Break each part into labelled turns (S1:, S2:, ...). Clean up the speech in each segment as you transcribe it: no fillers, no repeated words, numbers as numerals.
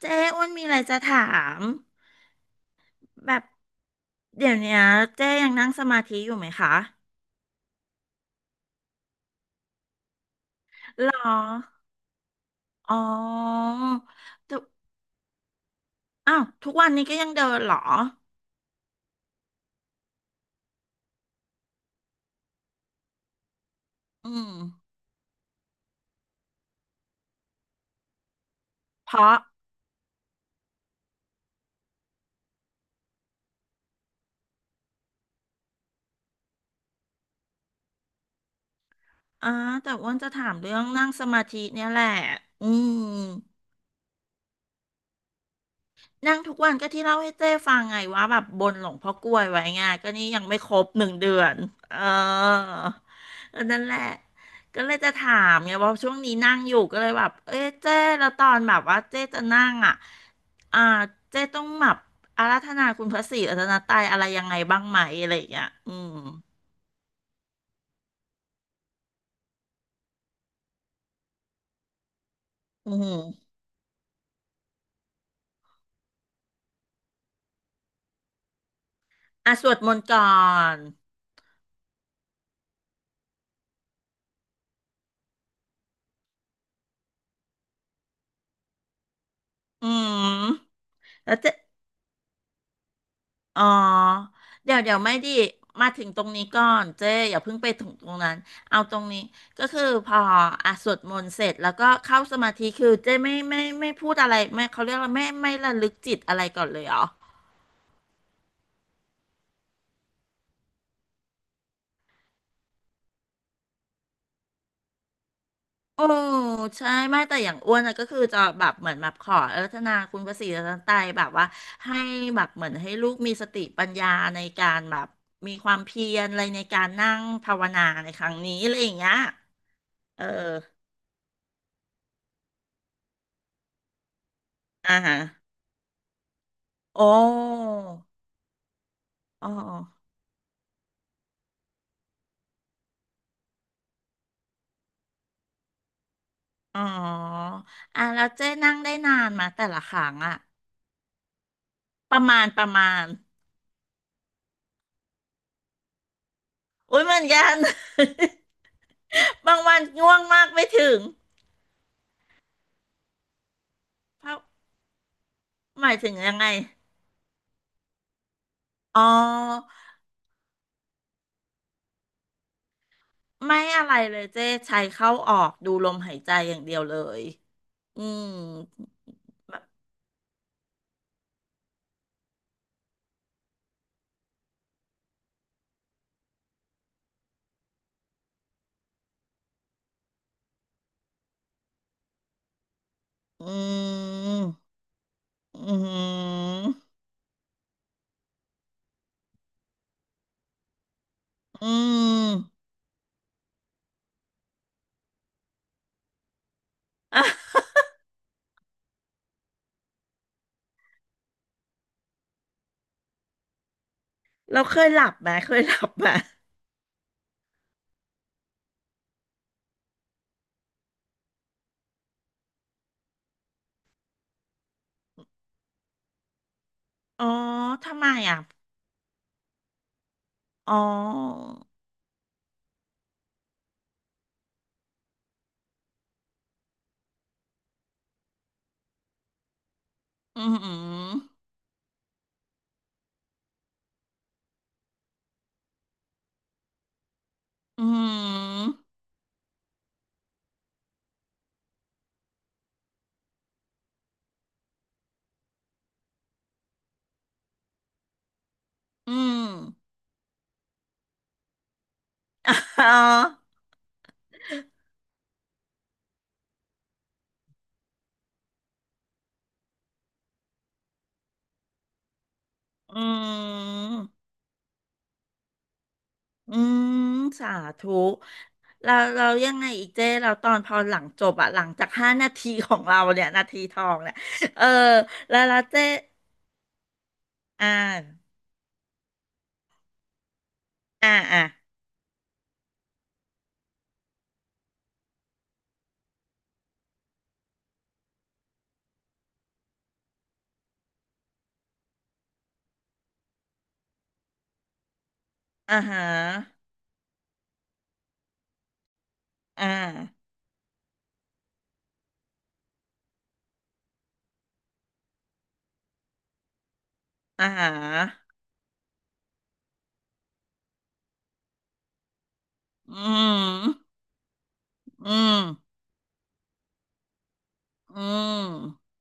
S1: เจ๊อ้วนมีอะไรจะถามแบบเดี๋ยวเนี้ยเจ๊ยังนั่งสมาธิอยู่ไหมคะหรออ๋อแต่อ้าวทุกวันนี้ก็ยังเดินเหรออืมเพราะอ่าแต่อ้วนจะถามเรื่องนั่งสมาธิเนี่ยแหละอืม นั่งทุกวันก็ที่เล่าให้เจ้ฟังไงว่าแบบบนหลวงพ่อกล้วยไว้ไงก็นี่ยังไม่ครบ1 เดือนเออก็นั่นแหละก็เลยจะถามไงว่าช่วงนี้นั่งอยู่ก็เลยแบบเอ้ยเจ้แล้วตอนแบบว่าเจ้จะนั่งอ่ะอ่าเจ้ต้องแบบอาราธนาคุณพระศรีรัตนตรัยอะไรยังไงบ้างไหมอะไรอย่างเงี้ยอืมอืมอ่ะสวดมนต์ก่อนอืมแล้วเจ้ อ๋อเดี๋ยวเดี๋ยวไม่ดีมาถึงตรงนี้ก่อนเจ๊อย่าเพิ่งไปถึงตรงนั้นเอาตรงนี้ก็คือพออ่ะสวดมนต์เสร็จแล้วก็เข้าสมาธิคือเจ๊ไม่พูดอะไรไม่เขาเรียกว่าไม่ระลึกจิตอะไรก่อนเลยเหรอโอ้ใช่ไม่แต่อย่างอ้วนอะก็คือจะแบบเหมือนแบบขออรัตนาคุณพระศรีรัตนตรัยแบบว่าให้แบบเหมือนให้ลูกมีสติปัญญาในการแบบมีความเพียรอะไรในการนั่งภาวนาในครั้งนี้อะไรอย่างเงี้ยเอออ่าฮะ โอ้อ๋ออ๋ออ่ะแล้วเจ๊นั่งได้นานมาแต่ละครั้งอะประมาณประมาณอุ้ยเหมือนกัน บางวันง่วงมากไม่ถึงเพราะหมายถึงยังไงอ๋อไม่อะไรเลยเจ๊ใช้เข้าออกดูลมหายใจอย่างเดียวเลย อืมแบบอืมอืมอืมอ่ะ เราเคยหลับไหมเคยหลับไหมอ๋อทำไมอ่ะอ๋อ อืม อืม อืมอ๋ออืม อืมสาธุเราเรายังไงอีกเจ้เราตอนพอหลังจบอะหลังจาก5 นาทีของเราเนี่ยนาทีทองเนี่ยเออแล้วแล้วเจ้อ่าอ่าอ่าอ่าฮะอ่าอ่าฮะอืมอืมอืม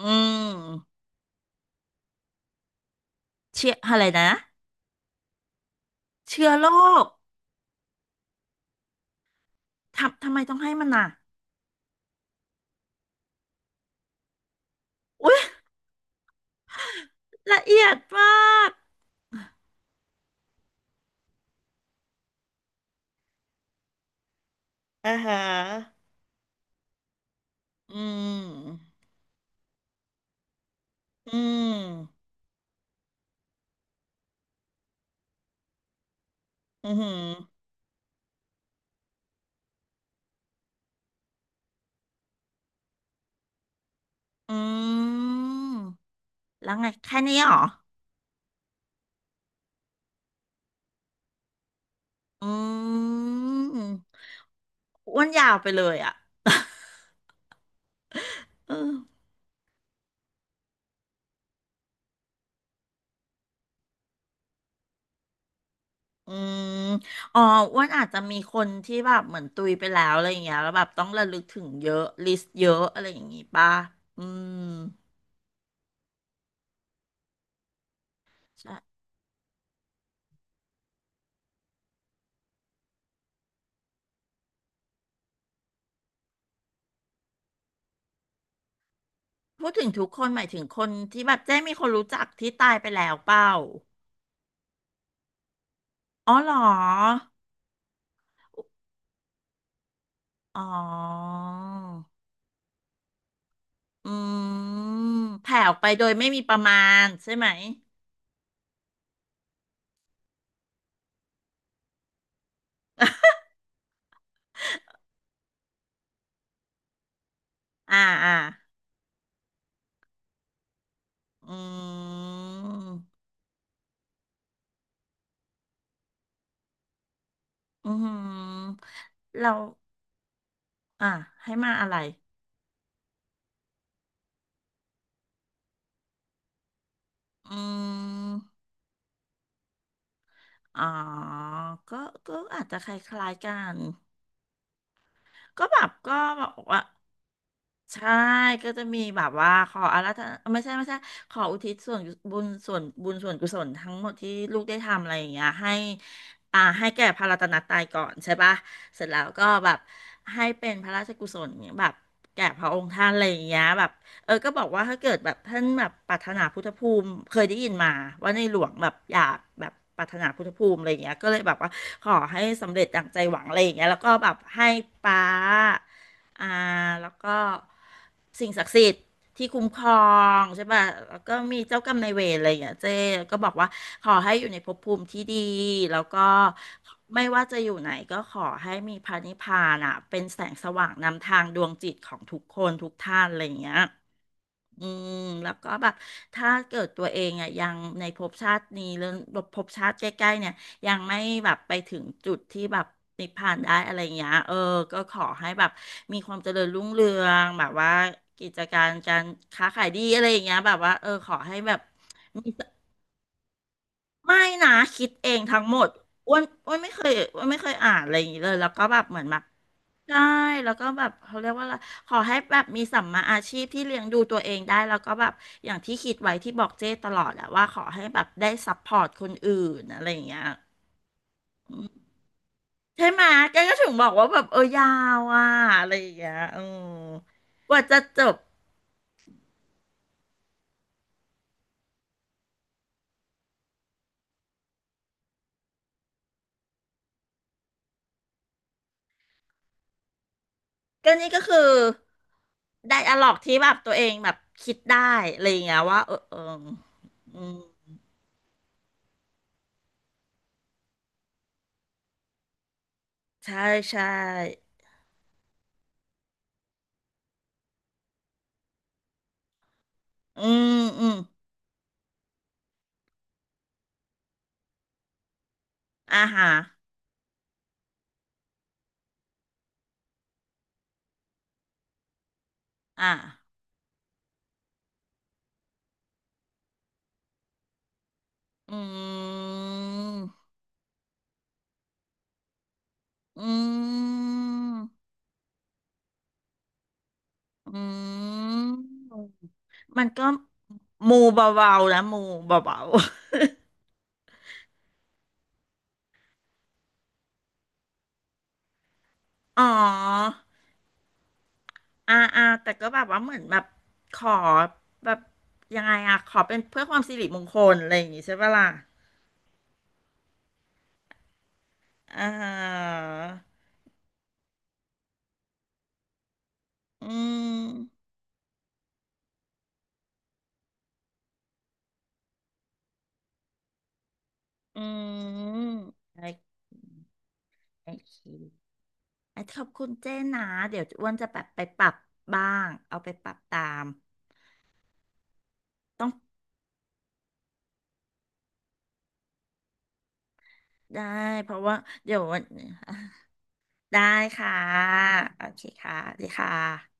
S1: อืมเชื่ออะไรนะเชื้อโรคทำทำไมต้องให้มันน่ะอุ้ย ละเอียดมากอ่าฮะอืมอืมอือหืออืมแล้วไงแค่นี้เหรออืมอ้วนยาวไปเลยอ่ะ เอออืมอ๋ออ้วนอาจจะมีคนที่แบบเหมือนตุยไปแล้วอะไรอย่างเงี้ยแล้วแบบต้องระลึกถึงเยอะลิสต์เยอะอะไรอย่างงี้ป่ะอืมใช่พูดถึงทุกคนหมายถึงคนที่แบบเจ๊มีคนรู้จักที่ตายไปแล้วเปล่าอ๋อเหรอ อ๋ออืมแผ่ออกไปโดยไม่มีประมาณใช่ไหม อ่าอ่า อืม อืม เรา อ่า ให้มาอะไร อืม อ๋อ ก็ก็อาจจะคล้ายๆกัน ก็แบบก็แบบว่า ใช่ก็จะมีแบบว่าขออาราธนาไม่ใช่ขออุทิศส่วนบุญส่วนกุศลทั้งหมดที่ลูกได้ทำอะไรอย่างเงี้ยให้อ่าให้แก่พระรัตนตรัยก่อนใช่ปะเสร็จแล้วก็แบบให้เป็นพระราชกุศลแบบแก่พระองค์ท่านอะไรอย่างเงี้ยแบบเออก็บอกว่าถ้าเกิดแบบท่านแบบปรารถนาพุทธภูมิเคยได้ยินมาว่าในหลวงแบบอยากแบบปรารถนาพุทธภูมิอะไรอย่างเงี้ยก็เลยแบบว่าขอให้สำเร็จดังใจหวังอะไรอย่างเงี้ยแล้วก็แบบให้ป้า อ่าแล้วก็สิ่งศักดิ์สิทธิ์ที่คุ้มครองใช่ป่ะแล้วก็มีเจ้ากรรมนายเวรอะไรอย่างเงี้ยเจ๊ก็บอกว่าขอให้อยู่ในภพภูมิที่ดีแล้วก็ไม่ว่าจะอยู่ไหนก็ขอให้มีพระนิพพานอ่ะเป็นแสงสว่างนำทางดวงจิตของทุกคนทุกท่านอะไรอย่างเงี้ย อืมแล้วก็แบบถ้าเกิดตัวเองอ่ะยังในภพชาตินี้หรือภพชาติใกล้ๆเนี่ยยังไม่แบบไปถึงจุดที่แบบนิพพานได้อะไรอย่างเงี้ยเออก็ขอให้แบบมีความเจริญรุ่งเรืองแบบว่ากิจการการค้าขายดีอะไรอย่างเงี้ยแบบว่าเออขอให้แบบ ไม่นะคิดเองทั้งหมดอ้วนไม่เคยอ้วนไม่เคยอ่านอะไรอย่างนี้เลยแล้วก็แบบเหมือนแบบใช่แล้วก็แบบเขาเรียกว่าอะไรขอให้แบบมีสัมมาอาชีพที่เลี้ยงดูตัวเองได้แล้วก็แบบอย่างที่คิดไว้ที่บอกเจ้ตลอดอะว่าขอให้แบบได้ซัพพอร์ตคนอื่นอะไรอย่างเงี้ยอืมใช่ไหมแกก็ถึงบอกว่าแบบเออยาวอะอะไรอย่างเงี้ยอืมกว่าจะจบก็นี่ก็คือไดอะล็อกที่แบบตัวเองแบบคิดได้อะไรอย่างเงี้ยว่าเออเอออืม ใช่ใช่ อืมอืมอาหารอ่าอืมอืมอืมมันก็มูเบาๆนะมูเบาๆ อ๋ออ่าอ่าแต่ก็แบบว่าเหมือนแบบขอแบบยังไงอะขอเป็นเพื่อความสิริมงคลอะไรอย่างงี้ใช่ปะล่ะ อ่าฮะอืมอืมโอเคโอเค อ่ะขอบคุณเจ้นะเดี๋ยวอ้วนจะแบบไปปรับบ้างเอาไปปรับตามต้องได้เพราะว่าเดี๋ยววัน ได้ค่ะโอเคค่ะดีค่ะ